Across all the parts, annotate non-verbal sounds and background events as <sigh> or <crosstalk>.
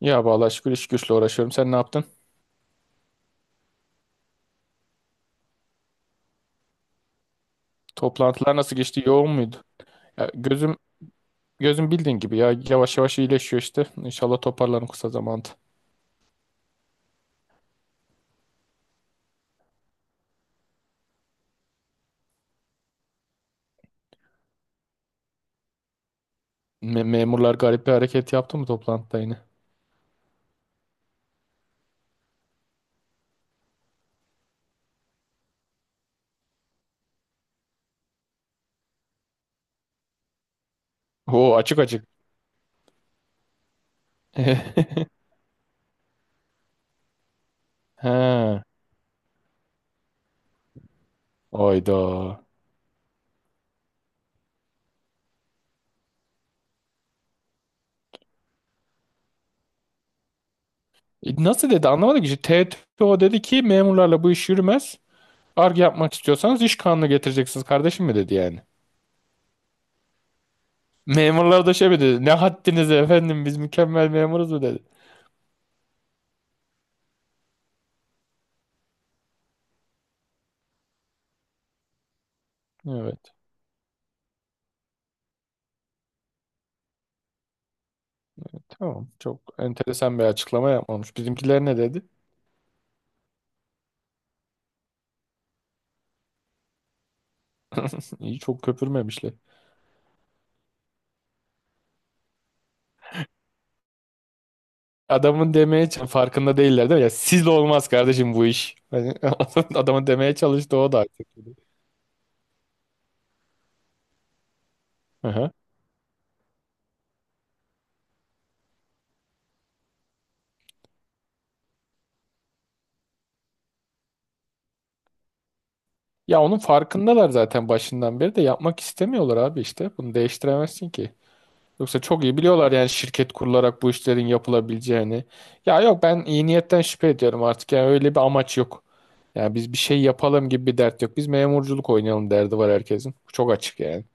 Ya vallahi şükür iş güçle uğraşıyorum. Sen ne yaptın? Toplantılar nasıl geçti? Yoğun muydu? Ya gözüm bildiğin gibi ya yavaş yavaş iyileşiyor işte. İnşallah toparlanır kısa zamanda. Memurlar garip bir hareket yaptı mı toplantıda yine? Oo açık açık. <laughs> He. Oyda. Nasıl dedi anlamadım ki. İşte TTO dedi ki memurlarla bu iş yürümez. Arge yapmak istiyorsanız iş kanunu getireceksiniz kardeşim mi dedi yani. Memurlar da şey mi dedi? Ne haddiniz efendim biz mükemmel memuruz mu dedi. Evet. Tamam. Çok enteresan bir açıklama yapmamış. Bizimkiler ne dedi? İyi çok köpürmemişler. Adamın farkında değiller değil mi? Ya sizle olmaz kardeşim bu iş. Hani <laughs> adamın demeye çalıştı o da artık. Aha. Ya onun farkındalar zaten başından beri de yapmak istemiyorlar abi işte. Bunu değiştiremezsin ki. Yoksa çok iyi biliyorlar yani şirket kurularak bu işlerin yapılabileceğini. Ya yok ben iyi niyetten şüphe ediyorum artık. Yani öyle bir amaç yok. Yani biz bir şey yapalım gibi bir dert yok. Biz memurculuk oynayalım derdi var herkesin. Bu çok açık yani.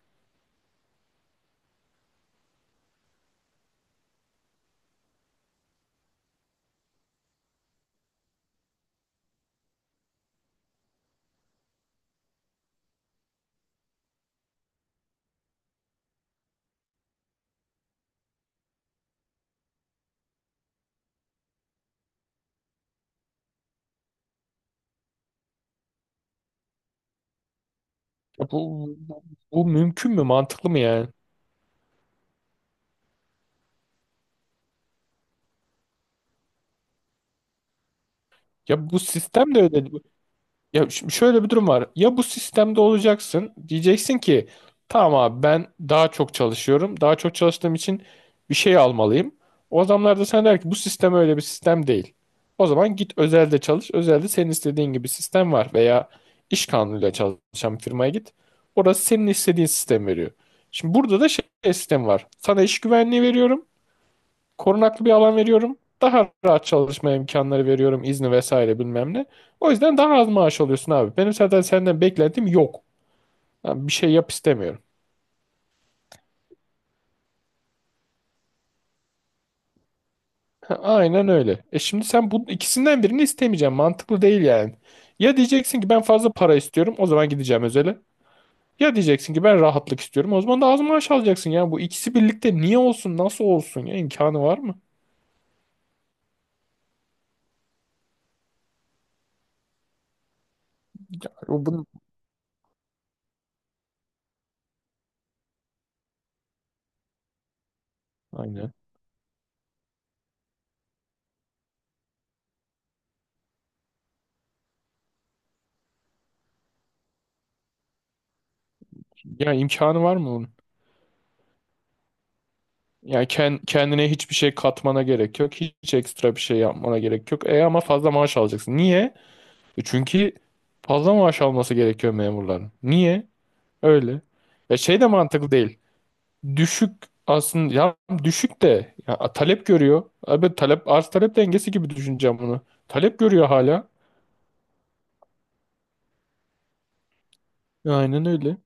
Ya bu mümkün mü? Mantıklı mı yani? Ya bu sistem de öyle. Ya şimdi şöyle bir durum var. Ya bu sistemde olacaksın. Diyeceksin ki tamam abi ben daha çok çalışıyorum. Daha çok çalıştığım için bir şey almalıyım. O adamlar da sana der ki bu sistem öyle bir sistem değil. O zaman git özelde çalış. Özelde senin istediğin gibi sistem var. Veya iş kanunuyla çalışan bir firmaya git. Orası senin istediğin sistem veriyor. Şimdi burada da şey sistem var. Sana iş güvenliği veriyorum. Korunaklı bir alan veriyorum. Daha rahat çalışma imkanları veriyorum. İzni vesaire bilmem ne. O yüzden daha az maaş alıyorsun abi. Benim zaten senden beklentim yok. Ha, bir şey yap istemiyorum. Ha, aynen öyle. E şimdi sen bu ikisinden birini istemeyeceksin. Mantıklı değil yani. Ya diyeceksin ki ben fazla para istiyorum. O zaman gideceğim özele. Ya diyeceksin ki ben rahatlık istiyorum. O zaman da az maaş alacaksın ya. Bu ikisi birlikte niye olsun? Nasıl olsun ya? İmkanı var mı? Bu bunu Aynen. Ya imkanı var mı bunun? Yani kendine hiçbir şey katmana gerek yok. Hiç ekstra bir şey yapmana gerek yok. E ama fazla maaş alacaksın. Niye? E çünkü fazla maaş alması gerekiyor memurların. Niye? Öyle. Ya şey de mantıklı değil. Düşük aslında ya düşük de ya talep görüyor. Abi talep arz talep dengesi gibi düşüneceğim bunu. Talep görüyor hala. Aynen öyle.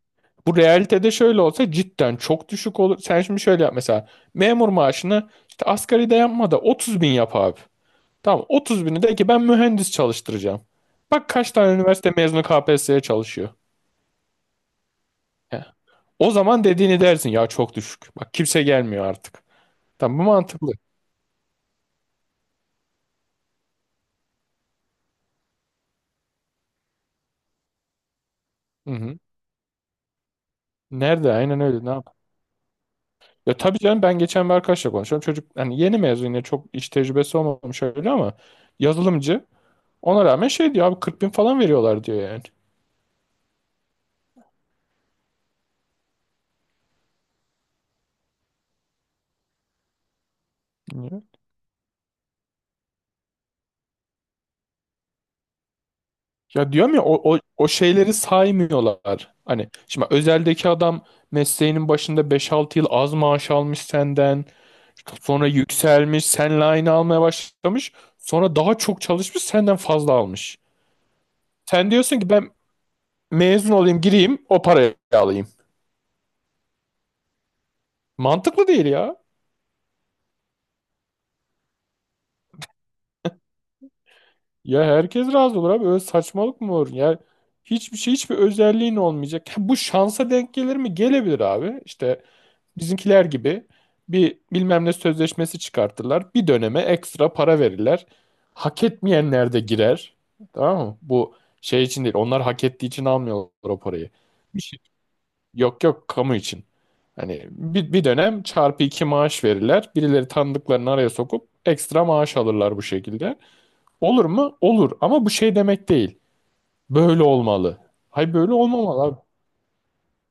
Bu realitede şöyle olsa cidden çok düşük olur. Sen şimdi şöyle yap mesela. Memur maaşını işte asgari de yapma da 30 bin yap abi. Tamam 30 bini de ki ben mühendis çalıştıracağım. Bak kaç tane üniversite mezunu KPSS'ye çalışıyor. He. O zaman dediğini dersin ya çok düşük. Bak kimse gelmiyor artık. Tamam bu mantıklı. Hı hı. Nerede? Aynen öyle. Ne yap? Ya tabii canım ben geçen bir arkadaşla konuşuyorum. Çocuk hani yeni mezun yine çok iş tecrübesi olmamış öyle ama yazılımcı. Ona rağmen şey diyor abi 40 bin falan veriyorlar diyor yani. Ya diyorum ya o şeyleri saymıyorlar. Hani şimdi özeldeki adam mesleğinin başında beş altı yıl az maaş almış senden. Sonra yükselmiş, seninle aynı almaya başlamış. Sonra daha çok çalışmış, senden fazla almış. Sen diyorsun ki ben mezun olayım, gireyim, o parayı alayım. Mantıklı değil ya. Ya herkes razı olur abi. Öyle saçmalık mı olur? Ya hiçbir şey, hiçbir özelliğin olmayacak. Ha, bu şansa denk gelir mi? Gelebilir abi. İşte bizimkiler gibi bir bilmem ne sözleşmesi çıkartırlar. Bir döneme ekstra para verirler. Hak etmeyenler de girer. Tamam mı? Bu şey için değil. Onlar hak ettiği için almıyorlar o parayı. Bir şey- Yok yok kamu için. Hani bir dönem çarpı iki maaş verirler. Birileri tanıdıklarını araya sokup ekstra maaş alırlar bu şekilde. Olur mu? Olur. Ama bu şey demek değil. Böyle olmalı. Hayır böyle olmamalı abi.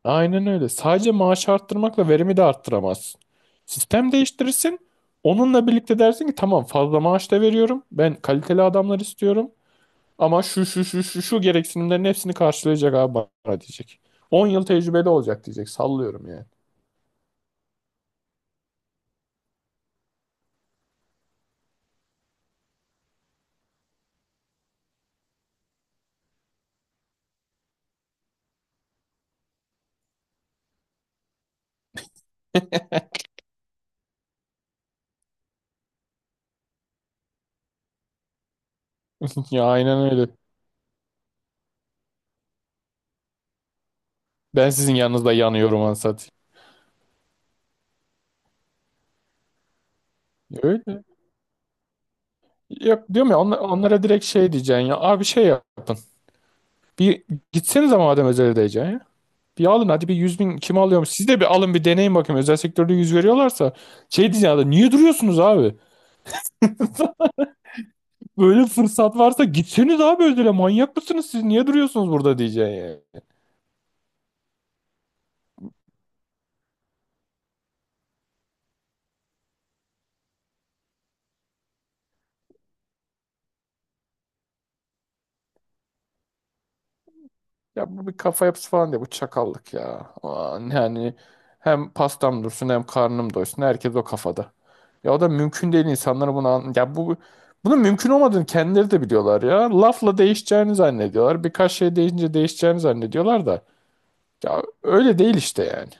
Aynen öyle. Sadece maaş arttırmakla verimi de arttıramazsın. Sistem değiştirirsin. Onunla birlikte dersin ki tamam fazla maaş da veriyorum. Ben kaliteli adamlar istiyorum. Ama şu şu şu şu şu gereksinimlerin hepsini karşılayacak abi bana diyecek. 10 yıl tecrübeli olacak diyecek. Sallıyorum yani. <laughs> Ya aynen öyle. Ben sizin yanınızda yanıyorum ansat. Öyle. Yok diyorum ya onlara direkt şey diyeceksin ya. Abi şey yap. Bir gitsenize madem özele diyeceksin. Bir alın hadi bir 100 bin kim alıyormuş? Siz de bir alın bir deneyin bakayım. Özel sektörde yüz veriyorlarsa şey diyeceğim ya niye duruyorsunuz abi? Böyle fırsat varsa gitseniz abi özele manyak mısınız siz? Niye duruyorsunuz burada diyeceksin yani. Ya bu bir kafa yapısı falan diye bu çakallık ya. Aman yani hem pastam dursun hem karnım doysun. Herkes o kafada. Ya o da mümkün değil insanlara bunu ya bu bunun mümkün olmadığını kendileri de biliyorlar ya. Lafla değişeceğini zannediyorlar. Birkaç şey değişince değişeceğini zannediyorlar da. Ya öyle değil işte yani.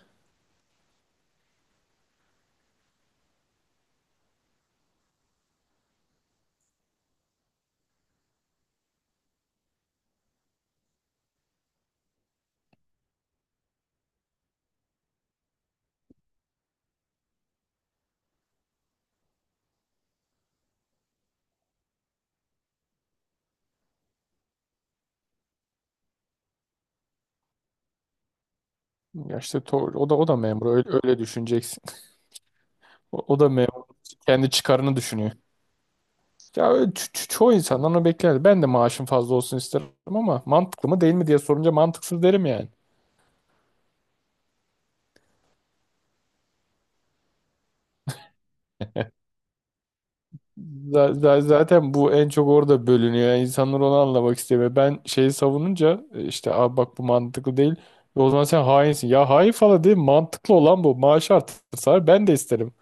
Ya işte o da memur öyle, öyle düşüneceksin. <laughs> O, o da memur kendi çıkarını düşünüyor. Ya öyle çoğu insandan onu bekler. Ben de maaşım fazla olsun isterim ama mantıklı mı değil mi diye sorunca mantıksız derim yani. <laughs> Zaten bu en çok orada bölünüyor. Yani insanlar onu anlamak istemiyor. Ben şeyi savununca işte abi bak bu mantıklı değil. E, o zaman sen hainsin. Ya hain falan değil mantıklı olan bu. Maaşı artırsalar ben de isterim.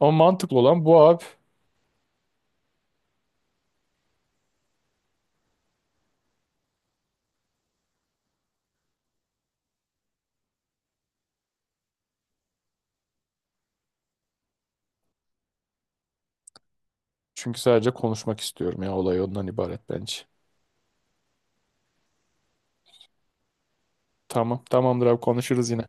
Ama mantıklı olan bu abi. Çünkü sadece konuşmak istiyorum ya olay ondan ibaret bence. Tamam. Tamamdır abi konuşuruz yine.